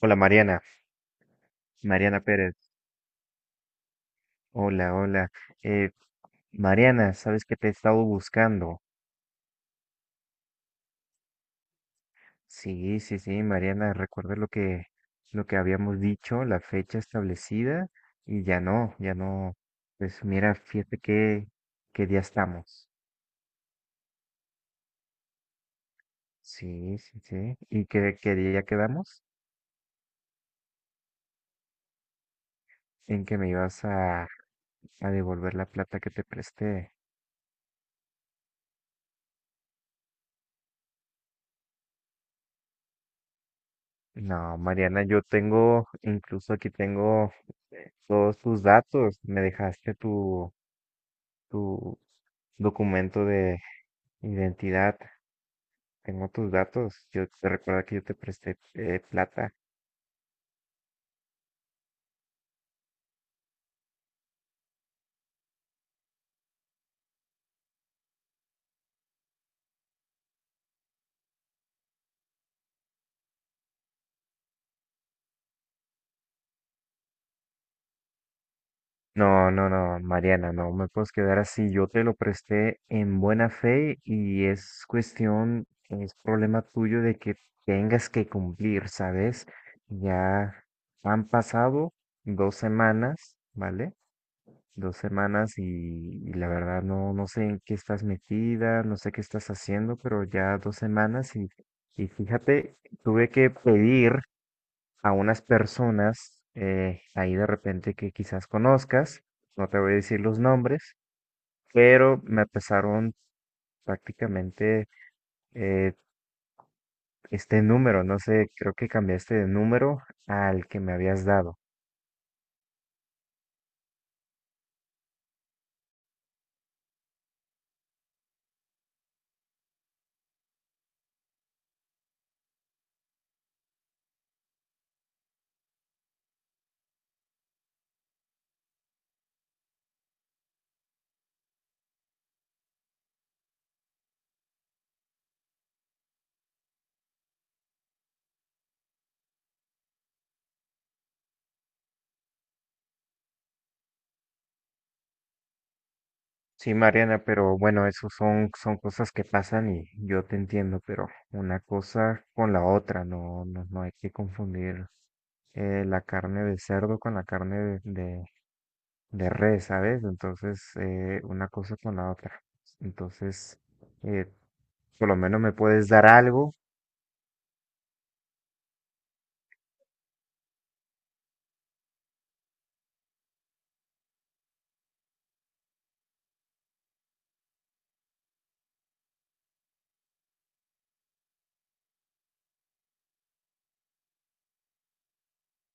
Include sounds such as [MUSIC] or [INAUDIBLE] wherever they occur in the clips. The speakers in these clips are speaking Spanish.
Hola, Mariana, Mariana Pérez. Hola, hola. Eh, Mariana, sabes que te he estado buscando. Sí, sí, sí, Mariana, recuerda lo que habíamos dicho, la fecha establecida y ya no, ya no. Pues mira, fíjate qué día estamos. Sí, sí, sí. ¿Y qué día quedamos? En que me ibas a devolver la plata que te presté. No, Mariana, yo tengo, incluso aquí tengo todos tus datos. Me dejaste tu documento de identidad. Tengo tus datos. Yo te recuerdo que yo te presté plata. No, no, no, Mariana, no me puedes quedar así. Yo te lo presté en buena fe y es cuestión, es problema tuyo de que tengas que cumplir, ¿sabes? Ya han pasado 2 semanas, ¿vale? 2 semanas y la verdad, no, no sé en qué estás metida, no sé qué estás haciendo, pero ya 2 semanas y fíjate, tuve que pedir a unas personas ahí de repente, que quizás conozcas, no te voy a decir los nombres, pero me pasaron prácticamente eh, este número, no sé, creo que cambiaste de número al que me habías dado. Sí, Mariana, pero bueno, eso son cosas que pasan y yo te entiendo, pero una cosa con la otra, no, no, no hay que confundir, la carne de cerdo con la carne de res, ¿sabes? Entonces, una cosa con la otra. Entonces, eh, por lo menos me puedes dar algo.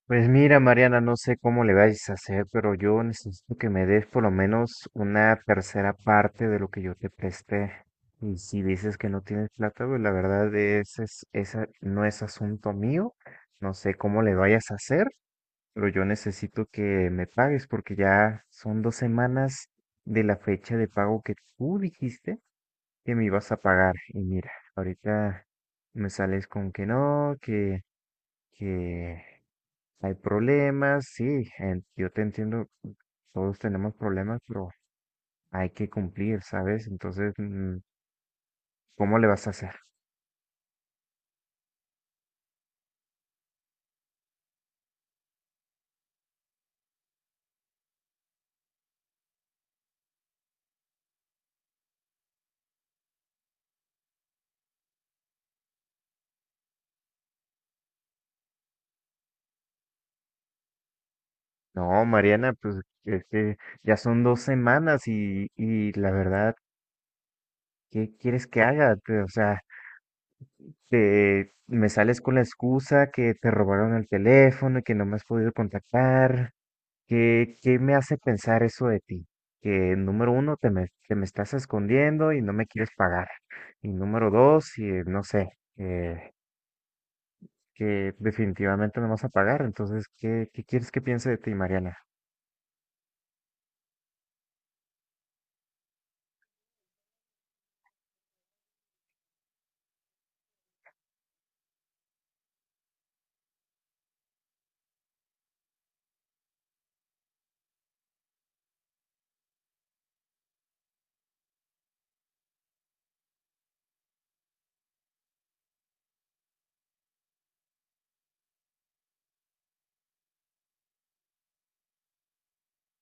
Pues mira, Mariana, no sé cómo le vais a hacer, pero yo necesito que me des por lo menos una tercera parte de lo que yo te presté. Y si dices que no tienes plata, pues la verdad esa no es asunto mío. No sé cómo le vayas a hacer, pero yo necesito que me pagues porque ya son 2 semanas de la fecha de pago que tú dijiste que me ibas a pagar. Y mira, ahorita me sales con que no, que hay problemas, sí, yo te entiendo, todos tenemos problemas, pero hay que cumplir, ¿sabes? Entonces, ¿cómo le vas a hacer? No, Mariana, pues es que ya son dos semanas y la verdad, ¿qué quieres que haga? O sea, me sales con la excusa que te robaron el teléfono y que no me has podido contactar. ¿Qué me hace pensar eso de ti? Que número uno, que me estás escondiendo y no me quieres pagar. Y número dos, no sé, eh, que definitivamente no vas a pagar. Entonces, ¿qué quieres que piense de ti, Mariana?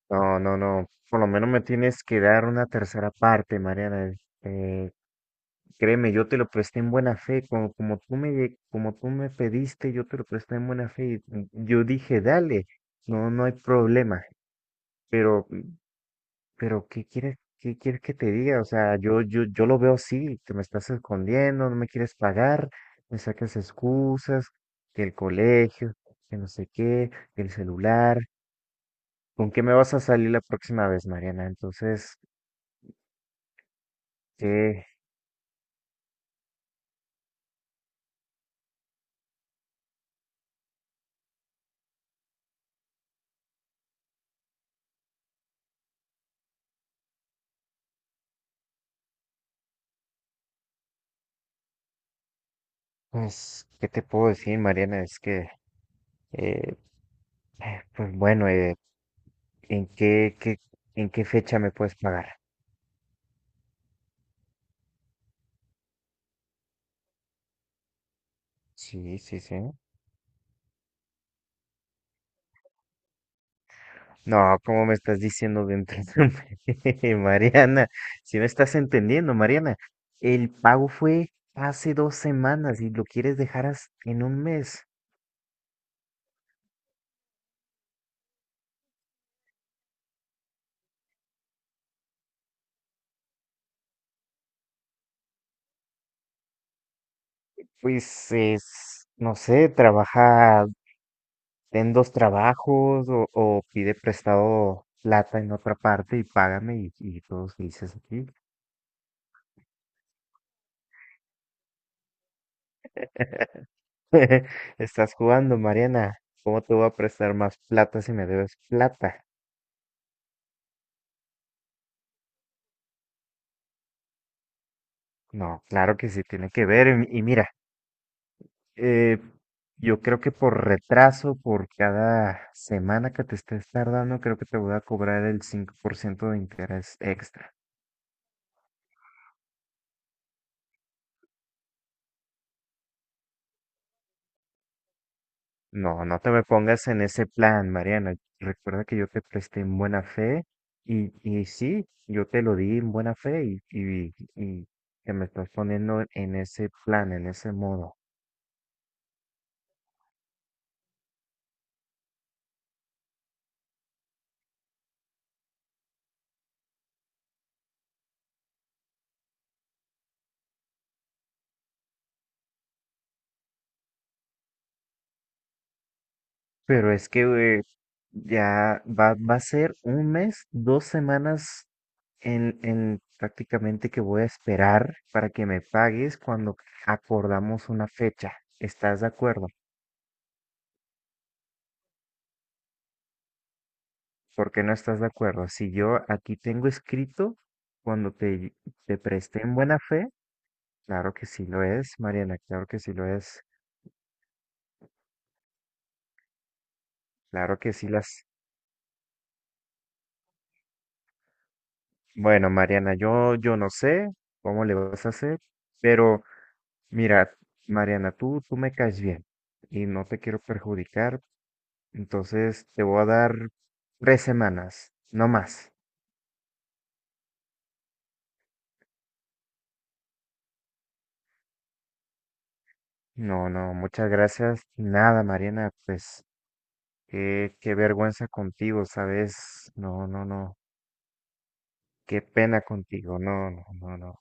No, no, no. Por lo menos me tienes que dar una tercera parte, Mariana. Eh, Créeme, yo te lo presté en buena fe. Como como tú me pediste, yo te lo presté en buena fe. Y yo dije, dale, no, no hay problema. Pero Pero ¿qué quieres que te diga? O sea, yo lo veo así, que me estás escondiendo, no me quieres pagar, me sacas excusas, que el colegio, que no sé qué, que el celular. ¿Con qué me vas a salir la próxima vez, Mariana? Entonces, ¿qué, pues, qué te puedo decir, Mariana? Es que, eh, pues bueno, ¿en qué, qué, en qué fecha me puedes pagar? Sí, sí, sí. No, ¿cómo me estás diciendo de entretenerme, [LAUGHS] Mariana? Si no estás entendiendo, Mariana, el pago fue hace 2 semanas y lo quieres dejar en un mes. Pues es, no sé, trabaja en 2 trabajos o pide prestado plata en otra parte y págame y todos felices aquí. [LAUGHS] Estás jugando, Mariana. ¿Cómo te voy a prestar más plata si me debes plata? No, claro que sí tiene que ver. Y mira. Eh, yo creo que por retraso, por cada semana que te estés tardando, creo que te voy a cobrar el 5% de interés extra. No, no te me pongas en ese plan, Mariana. Recuerda que yo te presté en buena fe y sí, yo te lo di en buena fe y que me estás poniendo en ese plan, en ese modo. Pero es que eh, ya va, a ser un mes, 2 semanas en prácticamente, que voy a esperar para que me pagues cuando acordamos una fecha. ¿Estás de acuerdo? ¿Por qué no estás de acuerdo? Si yo aquí tengo escrito cuando te presté en buena fe, claro que sí lo es, Mariana, claro que sí lo es, claro que sí las. Bueno, Mariana, yo no sé cómo le vas a hacer, pero mira, Mariana, tú me caes bien y no te quiero perjudicar. Entonces te voy a dar 3 semanas, no más. No, no, muchas gracias. Nada, Mariana, pues qué vergüenza contigo, ¿sabes? No, no, no. Qué pena contigo. No, no, no, no.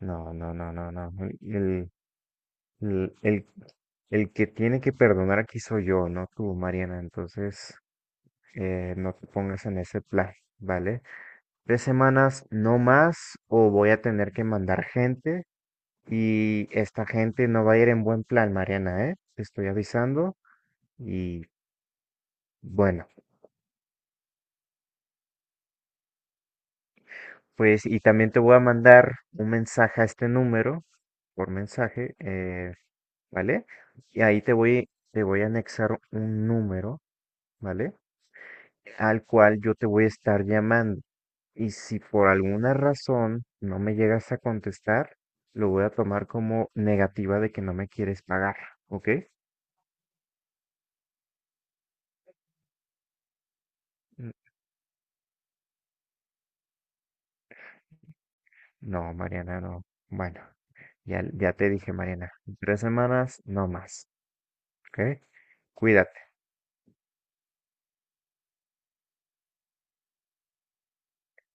No, no, no, no, no. El, el, el, el que tiene que perdonar aquí soy yo, no tú, Mariana. Entonces, no te pongas en ese plan, ¿vale? Tres semanas, no más, o voy a tener que mandar gente. Y esta gente no va a ir en buen plan, Mariana, ¿eh? Te estoy avisando. Y bueno, pues, y también te voy a mandar un mensaje a este número, por mensaje, ¿vale? Y ahí te voy a anexar un número, ¿vale? Al cual yo te voy a estar llamando. Y si por alguna razón no me llegas a contestar, lo voy a tomar como negativa de que no me quieres pagar, ¿ok? No, Mariana, no. Bueno, ya, ya te dije, Mariana, en 3 semanas no más, ¿ok? Cuídate.